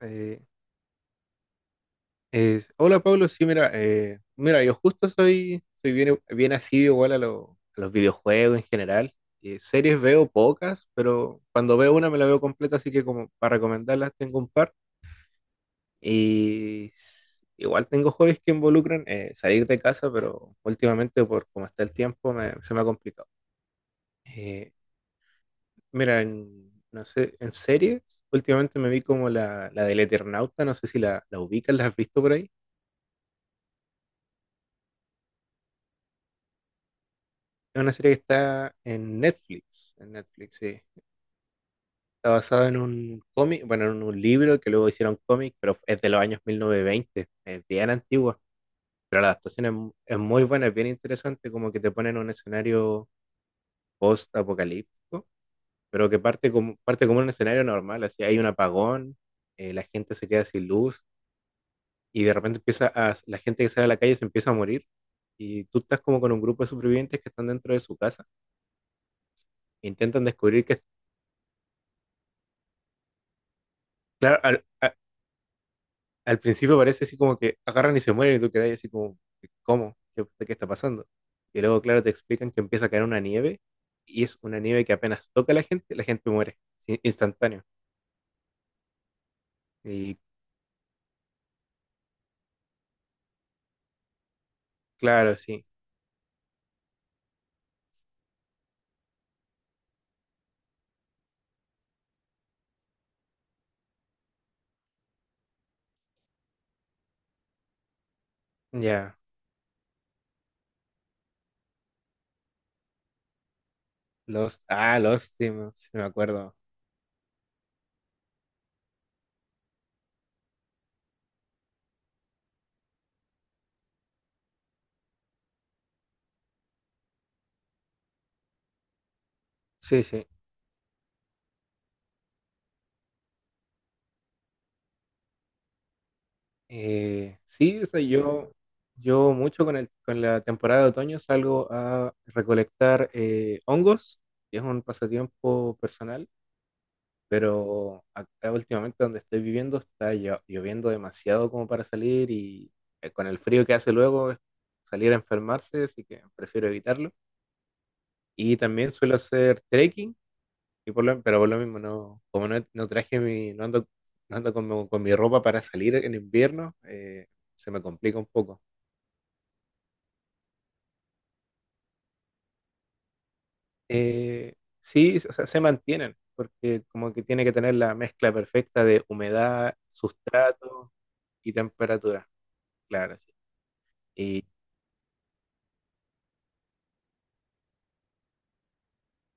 Eh, Hola Pablo, sí, mira, yo justo soy bien, bien asiduo igual a los videojuegos en general. Series veo pocas, pero cuando veo una me la veo completa, así que como para recomendarlas tengo un par. Y igual tengo hobbies que involucran salir de casa, pero últimamente por cómo está el tiempo se me ha complicado. Eh, Mira, no sé, en series, últimamente me vi como la del Eternauta, no sé si la ubicas, ¿la has visto por ahí? Es una serie que está en Netflix. En Netflix, sí. Está basada en un cómic, bueno, en un libro que luego hicieron cómic, pero es de los años 1920. Es bien antigua. Pero la adaptación es muy buena, es bien interesante, como que te ponen un escenario post-apocalíptico, pero que parte como un escenario normal. Así hay un apagón, la gente se queda sin luz y de repente la gente que sale a la calle se empieza a morir y tú estás como con un grupo de supervivientes que están dentro de su casa, intentan descubrir que, claro, al principio parece así como que agarran y se mueren y tú quedas así como, ¿cómo? ¿Qué está pasando? Y luego, claro, te explican que empieza a caer una nieve y es una nieve que apenas toca a la gente muere, sí, instantáneo. Y claro, sí, ya, los Lost, ah, Lost, sí me acuerdo. Sí, sí. Sí, o sea, yo mucho con la temporada de otoño salgo a recolectar hongos, que es un pasatiempo personal. Pero acá últimamente donde estoy viviendo está lloviendo demasiado como para salir y con el frío que hace luego es salir a enfermarse, así que prefiero evitarlo. Y también suelo hacer trekking, y pero por lo mismo no, como no traje no ando con mi ropa para salir en invierno, se me complica un poco. Eh, sí, o sea, se mantienen, porque como que tiene que tener la mezcla perfecta de humedad, sustrato y temperatura, claro, sí.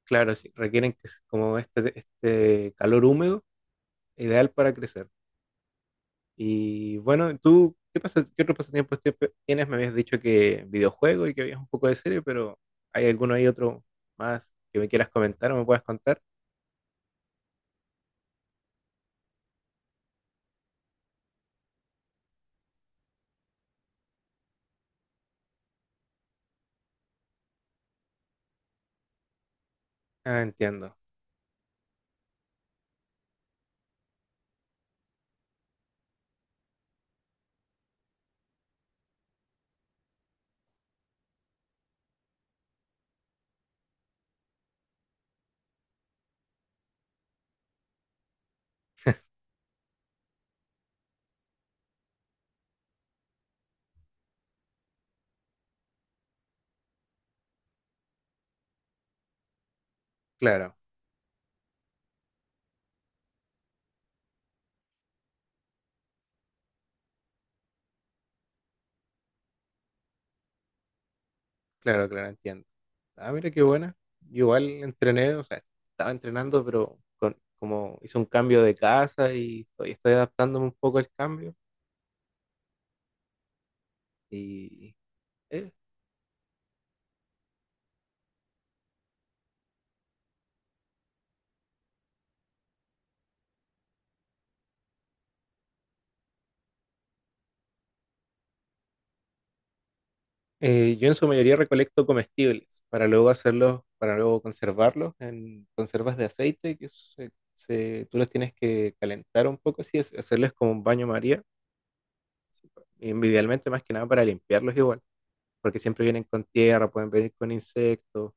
Claro, sí, requieren que es como este calor húmedo, ideal para crecer. Y bueno, tú, ¿qué pasa, qué otro pasatiempo tienes? Me habías dicho que videojuego y que habías un poco de serie, pero ¿hay alguno ahí otro más que me quieras comentar o me puedas contar? Ah, entiendo. Claro, claro, claro, entiendo. Ah, mira qué buena. Yo igual entrené, o sea, estaba entrenando, pero como hice un cambio de casa y estoy, estoy adaptándome un poco al cambio. Y eh, yo en su mayoría recolecto comestibles para luego hacerlos, para luego conservarlos en conservas de aceite que tú los tienes que calentar un poco, así, hacerles como un baño María, y idealmente más que nada para limpiarlos igual, porque siempre vienen con tierra, pueden venir con insectos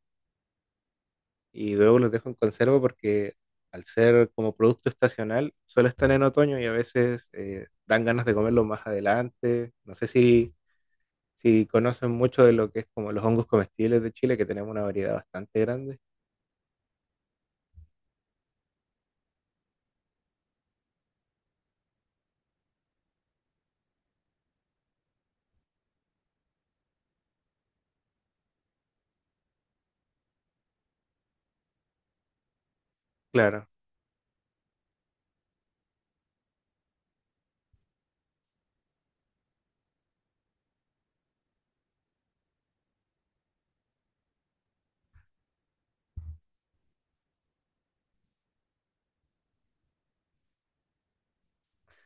y luego los dejo en conserva porque al ser como producto estacional solo están en otoño y a veces dan ganas de comerlo más adelante. No sé si conocen mucho de lo que es como los hongos comestibles de Chile, que tenemos una variedad bastante grande, claro.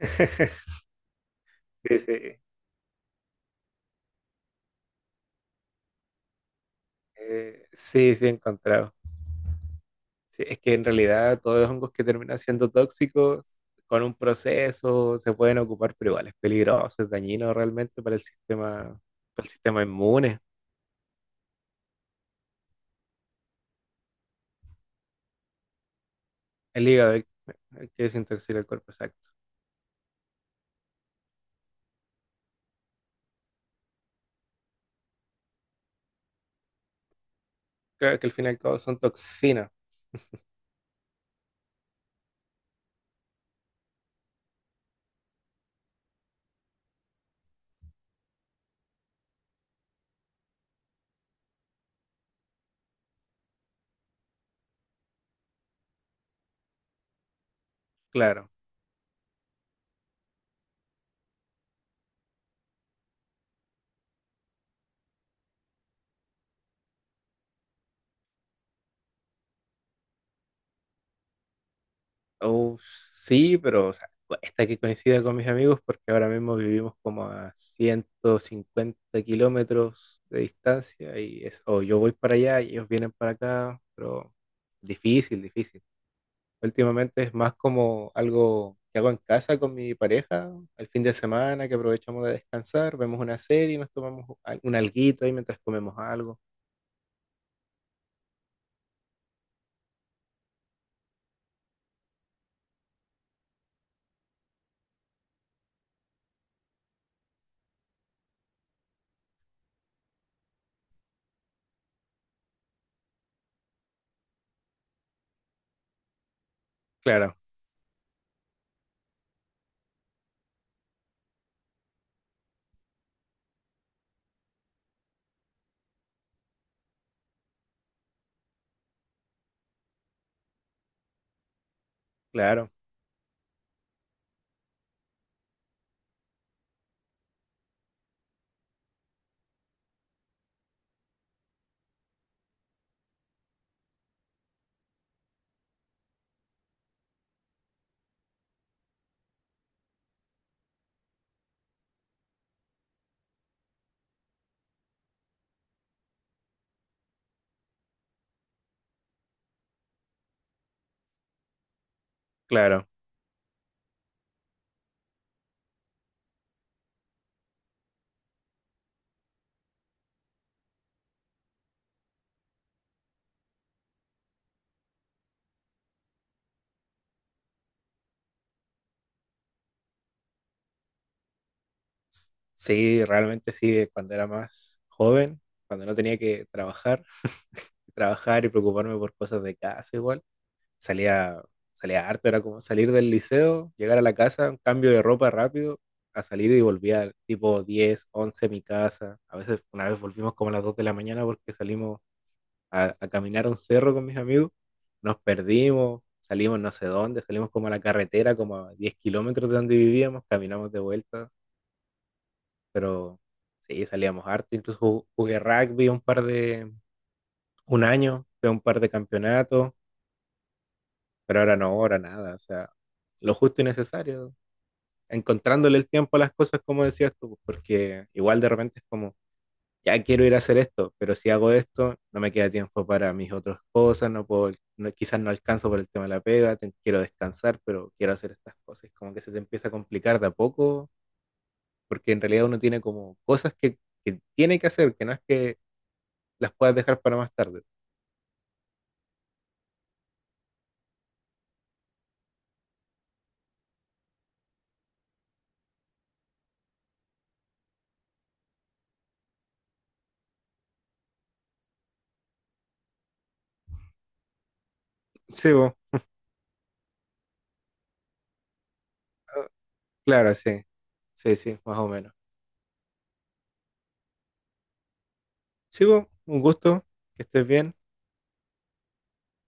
Sí, sí, sí, sí, he encontrado. Sí, es que en realidad todos los hongos que terminan siendo tóxicos con un proceso se pueden ocupar, pero igual es peligroso, es dañino realmente para el sistema inmune, el hígado, el que desintoxica el cuerpo, exacto. Claro que al fin y al cabo son toxinas, claro. Oh, sí, pero o sea, cuesta que coincida con mis amigos porque ahora mismo vivimos como a 150 kilómetros de distancia y es, o yo voy para allá y ellos vienen para acá, pero difícil, difícil. Últimamente es más como algo que hago en casa con mi pareja, al fin de semana que aprovechamos de descansar, vemos una serie, nos tomamos un alguito ahí mientras comemos algo. Claro, claro, claro. Sí, realmente sí, cuando era más joven, cuando no tenía que trabajar, trabajar y preocuparme por cosas de casa igual, salía, salía harto, era como salir del liceo, llegar a la casa, un cambio de ropa rápido, a salir y volvía tipo 10, 11 a mi casa. A veces una vez volvimos como a las 2 de la mañana porque salimos a caminar a un cerro con mis amigos, nos perdimos, salimos no sé dónde, salimos como a la carretera, como a 10 kilómetros de donde vivíamos, caminamos de vuelta pero sí, salíamos harto, incluso jugué rugby un año, fue un par de campeonatos, pero ahora no, ahora nada, o sea, lo justo y necesario, encontrándole el tiempo a las cosas como decías tú, porque igual de repente es como, ya quiero ir a hacer esto, pero si hago esto, no me queda tiempo para mis otras cosas, no puedo, quizás no alcanzo por el tema de la pega, quiero descansar, pero quiero hacer estas cosas, es como que se te empieza a complicar de a poco, porque en realidad uno tiene como cosas que tiene que hacer, que no es que las puedas dejar para más tarde. Sí, bo, claro, sí, sí, sí, más o menos. Sí, bo, un gusto, que estés bien.